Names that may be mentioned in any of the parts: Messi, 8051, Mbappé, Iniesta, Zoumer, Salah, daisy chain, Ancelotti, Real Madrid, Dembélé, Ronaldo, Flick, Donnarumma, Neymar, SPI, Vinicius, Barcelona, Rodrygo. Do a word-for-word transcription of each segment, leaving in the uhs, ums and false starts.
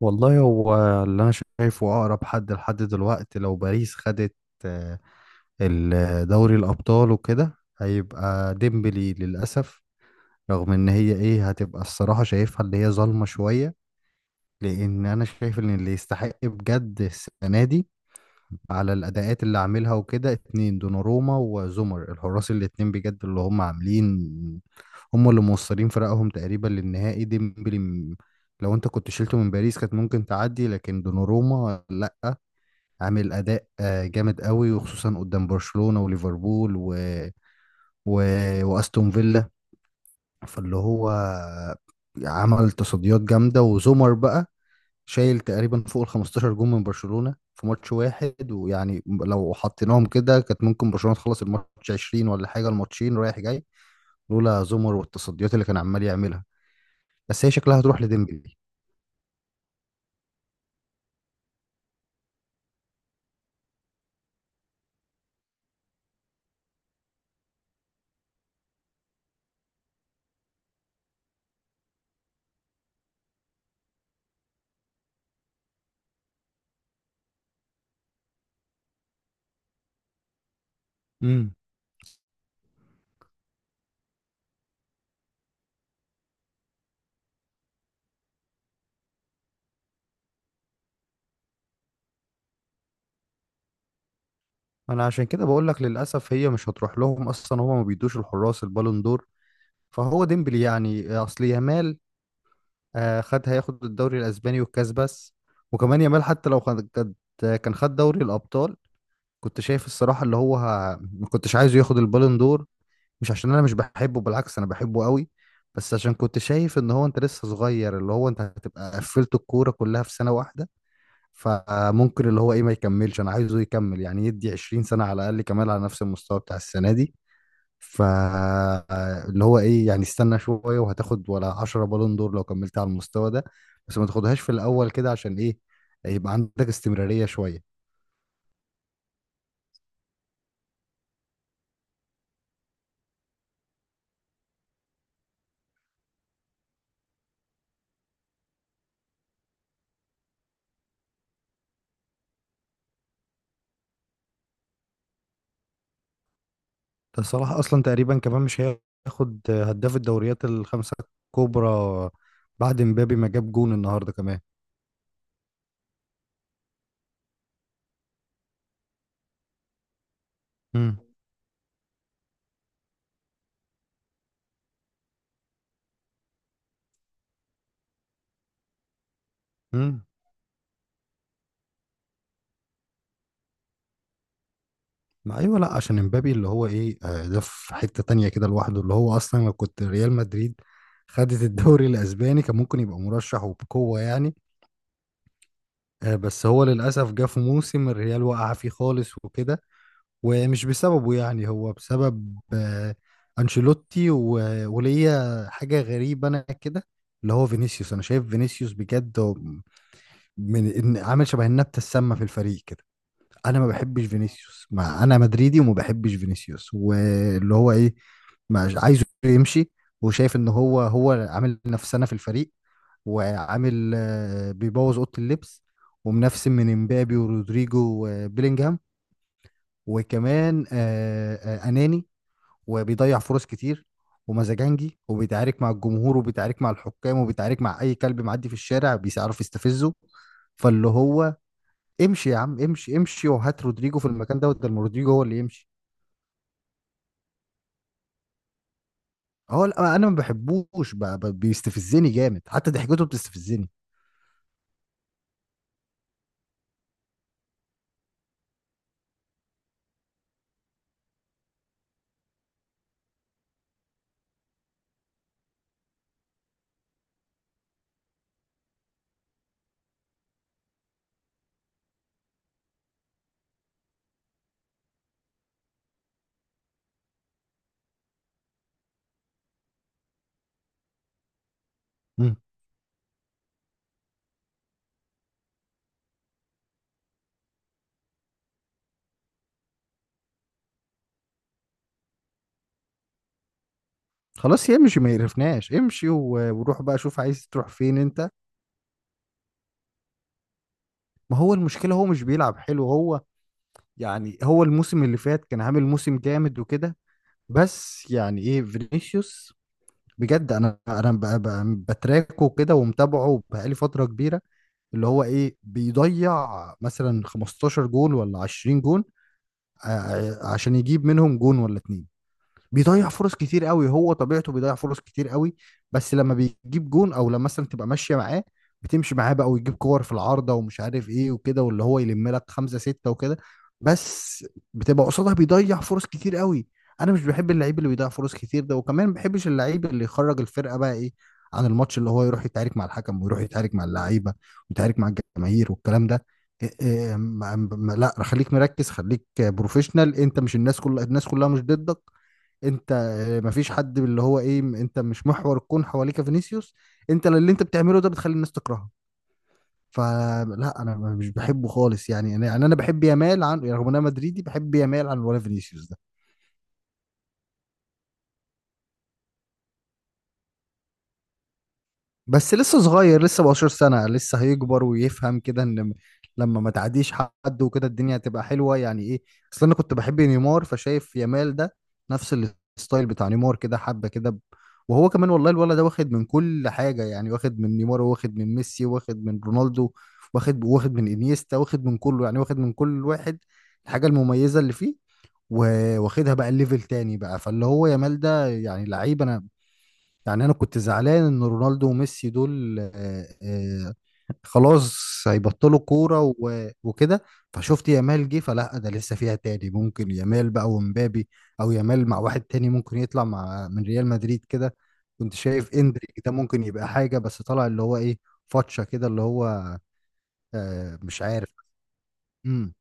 والله هو اللي انا شايفه اقرب حد لحد دلوقتي، لو باريس خدت آه، ال- دوري الابطال وكده هيبقى ديمبلي للاسف. رغم ان هي ايه، هتبقى الصراحه شايفها اللي هي ظالمه شويه، لان انا شايف ان اللي يستحق بجد السنه دي على الاداءات اللي عاملها وكده اتنين، دوناروما وزومر، الحراس الاتنين بجد اللي هم عاملين، هم اللي موصلين فرقهم تقريبا للنهائي. ديمبلي م- لو انت كنت شلته من باريس كانت ممكن تعدي، لكن دوناروما لا، عامل اداء آه، جامد قوي، وخصوصا قدام برشلونة وليفربول و... و... واستون فيلا. فاللي هو عمل تصديات جامدة. وزومر بقى شايل تقريبا فوق ال خمستاشر جون من برشلونة في ماتش واحد، ويعني لو حطيناهم كده كانت ممكن برشلونة تخلص الماتش عشرين ولا حاجة، الماتشين رايح جاي، لولا زومر والتصديات اللي كان عمال يعملها. بس هي شكلها هتروح لديمبلي. امم، انا عشان كده بقول لك للاسف هي مش هتروح لهم اصلا، هما ما بيدوش الحراس البالون دور. فهو ديمبلي يعني. اصل يامال آه، خد، هياخد الدوري الاسباني والكاس بس. وكمان يامال حتى لو خد، كان كان خد دوري الابطال، كنت شايف الصراحة اللي هو ه- ما كنتش عايزه ياخد البالون دور. مش عشان انا مش بحبه، بالعكس انا بحبه قوي، بس عشان كنت شايف ان هو انت لسه صغير، اللي هو انت هتبقى قفلت الكورة كلها في سنة واحدة، فممكن اللي هو ايه ما يكملش. انا عايزه يكمل، يعني يدي عشرين سنة على الاقل كمان على نفس المستوى بتاع السنة دي. ف اللي هو ايه، يعني استنى شوية وهتاخد ولا عشرة بالون دور لو كملت على المستوى ده، بس ما تاخدهاش في الاول كده عشان ايه، يبقى عندك استمرارية شوية. ده صلاح اصلا تقريبا كمان مش هياخد هداف الدوريات الخمسه الكبرى، بعد مبابي ما جاب جون النهارده كمان. امم. امم، ما ايوه، لا، عشان مبابي اللي هو ايه، آه، ده في حته تانية كده لوحده، اللي هو اصلا لو كنت ريال مدريد خدت الدوري الاسباني كان ممكن يبقى مرشح وبقوه يعني. آه، بس هو للاسف جه في موسم الريال وقع فيه خالص وكده، ومش بسببه يعني، هو بسبب آه، انشيلوتي. و- وليا حاجه غريبه انا كده، اللي هو فينيسيوس. انا شايف فينيسيوس بجد هو من إن- عامل شبه النبته السامه في الفريق كده. انا ما بحبش فينيسيوس، ما انا مدريدي وما بحبش فينيسيوس، واللي هو ايه، ما عايزه يمشي. وشايف ان هو هو عامل نفسنا في الفريق، وعامل آه، بيبوظ اوضه اللبس، ومنفسن من امبابي ورودريجو وبيلينجهام، وكمان آه، آه، اناني، وبيضيع فرص كتير، ومزاجنجي، وبيتعارك مع الجمهور، وبيتعارك مع الحكام، وبيتعارك مع اي كلب معدي في الشارع بيعرف يستفزه. فاللي هو امشي يا عم، امشي امشي، وهات رودريجو في المكان دوت ده، رودريجو هو اللي يمشي. هو لا، انا ما بحبوش، ب- ب- بيستفزني جامد، حتى ضحكته بتستفزني. مم. خلاص يمشي ما يقرفناش، امشي و- وروح بقى شوف عايز تروح فين انت. ما هو المشكلة هو مش بيلعب حلو. هو يعني هو الموسم اللي فات كان عامل موسم جامد وكده، بس يعني ايه، فينيسيوس بجد انا انا ب- ب- بتراكه كده ومتابعه بقالي فتره كبيره، اللي هو ايه، بيضيع مثلا خمستاشر جون ولا عشرين جون آه، عشان يجيب منهم جون ولا اتنين. بيضيع فرص كتير قوي، هو طبيعته بيضيع فرص كتير قوي. بس لما بيجيب جون، او لما مثلا تبقى ماشيه معاه، بتمشي معاه بقى ويجيب كور في العارضه ومش عارف ايه وكده، واللي هو يلم لك خمسه سته وكده، بس بتبقى قصادها بيضيع فرص كتير قوي. انا مش بحب اللعيب اللي بيضيع فرص كتير ده، وكمان ما بحبش اللعيب اللي يخرج الفرقه بقى ايه عن الماتش، اللي هو يروح يتعارك مع الحكم، ويروح يتعارك مع اللعيبه، ويتعارك مع الجماهير والكلام ده. إيه إيه إيه، ما- ما- لا خليك مركز، خليك بروفيشنال، انت مش الناس كلها، الناس كلها مش ضدك، انت آه، مفيش حد اللي هو ايه، م- انت مش محور الكون حواليك فينيسيوس، انت اللي انت بتعمله ده بتخلي الناس تكرهه. فلا انا مش بحبه خالص يعني. انا يعني انا بحب يامال عن، يعني رغم ان انا مدريدي بحب يامال عن ولا فينيسيوس ده. بس لسه صغير، لسه 17 سنة، لسه هيكبر ويفهم كده ان م- لما ما تعديش حد وكده الدنيا هتبقى حلوة يعني ايه. اصل انا كنت بحب نيمار، فشايف يامال ده نفس الستايل بتاع نيمار كده، حبة كده ب- وهو كمان والله الولد ده واخد من كل حاجة، يعني واخد من نيمار، واخد من ميسي، واخد من رونالدو، واخد واخد من انيستا، واخد من كله يعني، واخد من كل واحد الحاجة المميزة اللي فيه، و- واخدها بقى الليفل تاني بقى. فاللي هو يامال ده يعني لعيب. انا يعني انا كنت زعلان ان رونالدو وميسي دول آه، آه، خلاص هيبطلوا كوره و- وكده، فشفت يامال جه فلا ده لسه فيها تاني، ممكن يامال بقى ومبابي، او يامال مع واحد تاني ممكن يطلع مع من ريال مدريد كده. كنت شايف اندريك ده ممكن يبقى حاجه، بس طلع اللي هو ايه فاتشه كده، اللي هو آه، مش عارف. امم.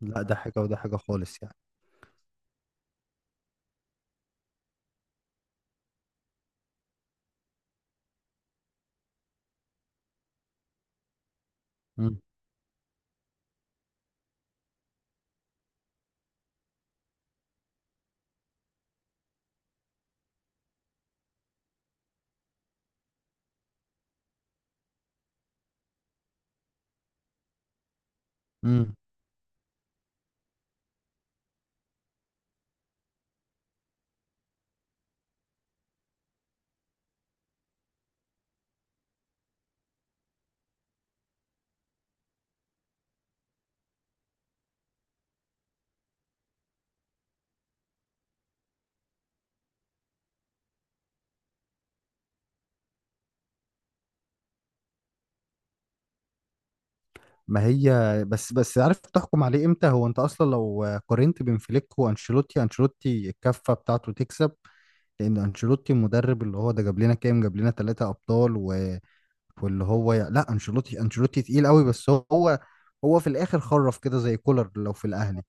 لا ده حاجه وده حاجه خالص يعني. امم. ما هي، بس بس عارف تحكم عليه امتى؟ هو انت اصلا لو قارنت بين فليك وانشيلوتي، انشيلوتي الكفه بتاعته تكسب، لان انشيلوتي المدرب اللي هو ده جاب لنا كام، جاب لنا ثلاثة ابطال و... واللي هو لا، انشيلوتي انشيلوتي تقيل قوي، بس هو هو في الاخر خرف كده زي كولر لو في الاهلي.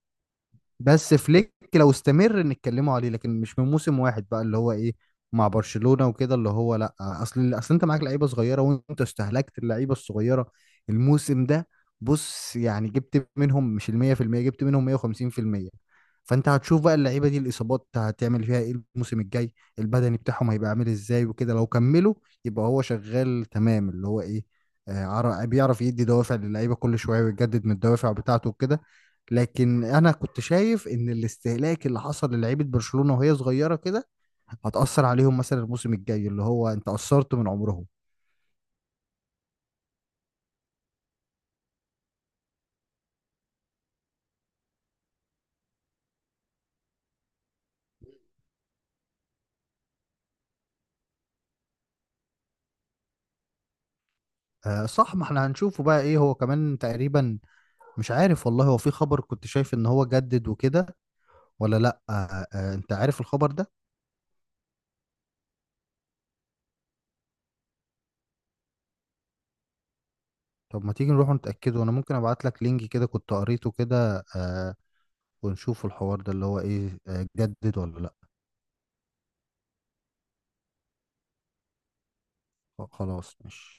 بس فليك لو استمر نتكلموا عليه، لكن مش من موسم واحد بقى اللي هو ايه مع برشلونة وكده. اللي هو لا، اصل اصل انت معاك لعيبة صغيرة وانت استهلكت اللعيبة الصغيرة الموسم ده. بص يعني جبت منهم مش ال مية في المية، جبت منهم ميه وخمسين في المية، فانت هتشوف بقى اللعيبة دي الاصابات هتعمل فيها ايه الموسم الجاي، البدني بتاعهم هيبقى عامل ازاي وكده لو كملوا. يبقى هو شغال تمام اللي هو ايه، آه، عر- بيعرف يدي دوافع للعيبة كل شوية ويجدد من الدوافع بتاعته وكده. لكن انا كنت شايف ان الاستهلاك اللي حصل للعيبه برشلونه وهي صغيره كده هتأثر عليهم مثلا الموسم الجاي، اللي هو انت قصرت من عمرهم. آه صح، ما احنا هنشوفه بقى ايه، هو كمان تقريبا مش عارف والله. هو في خبر كنت شايف ان هو جدد وكده ولا لا، آه آه انت عارف الخبر ده؟ طب ما تيجي نروح نتأكده، انا ممكن ابعت لك لينك كده كنت قريته كده آه، ونشوف الحوار ده اللي هو ايه، آه جدد ولا لا. خلاص ماشي.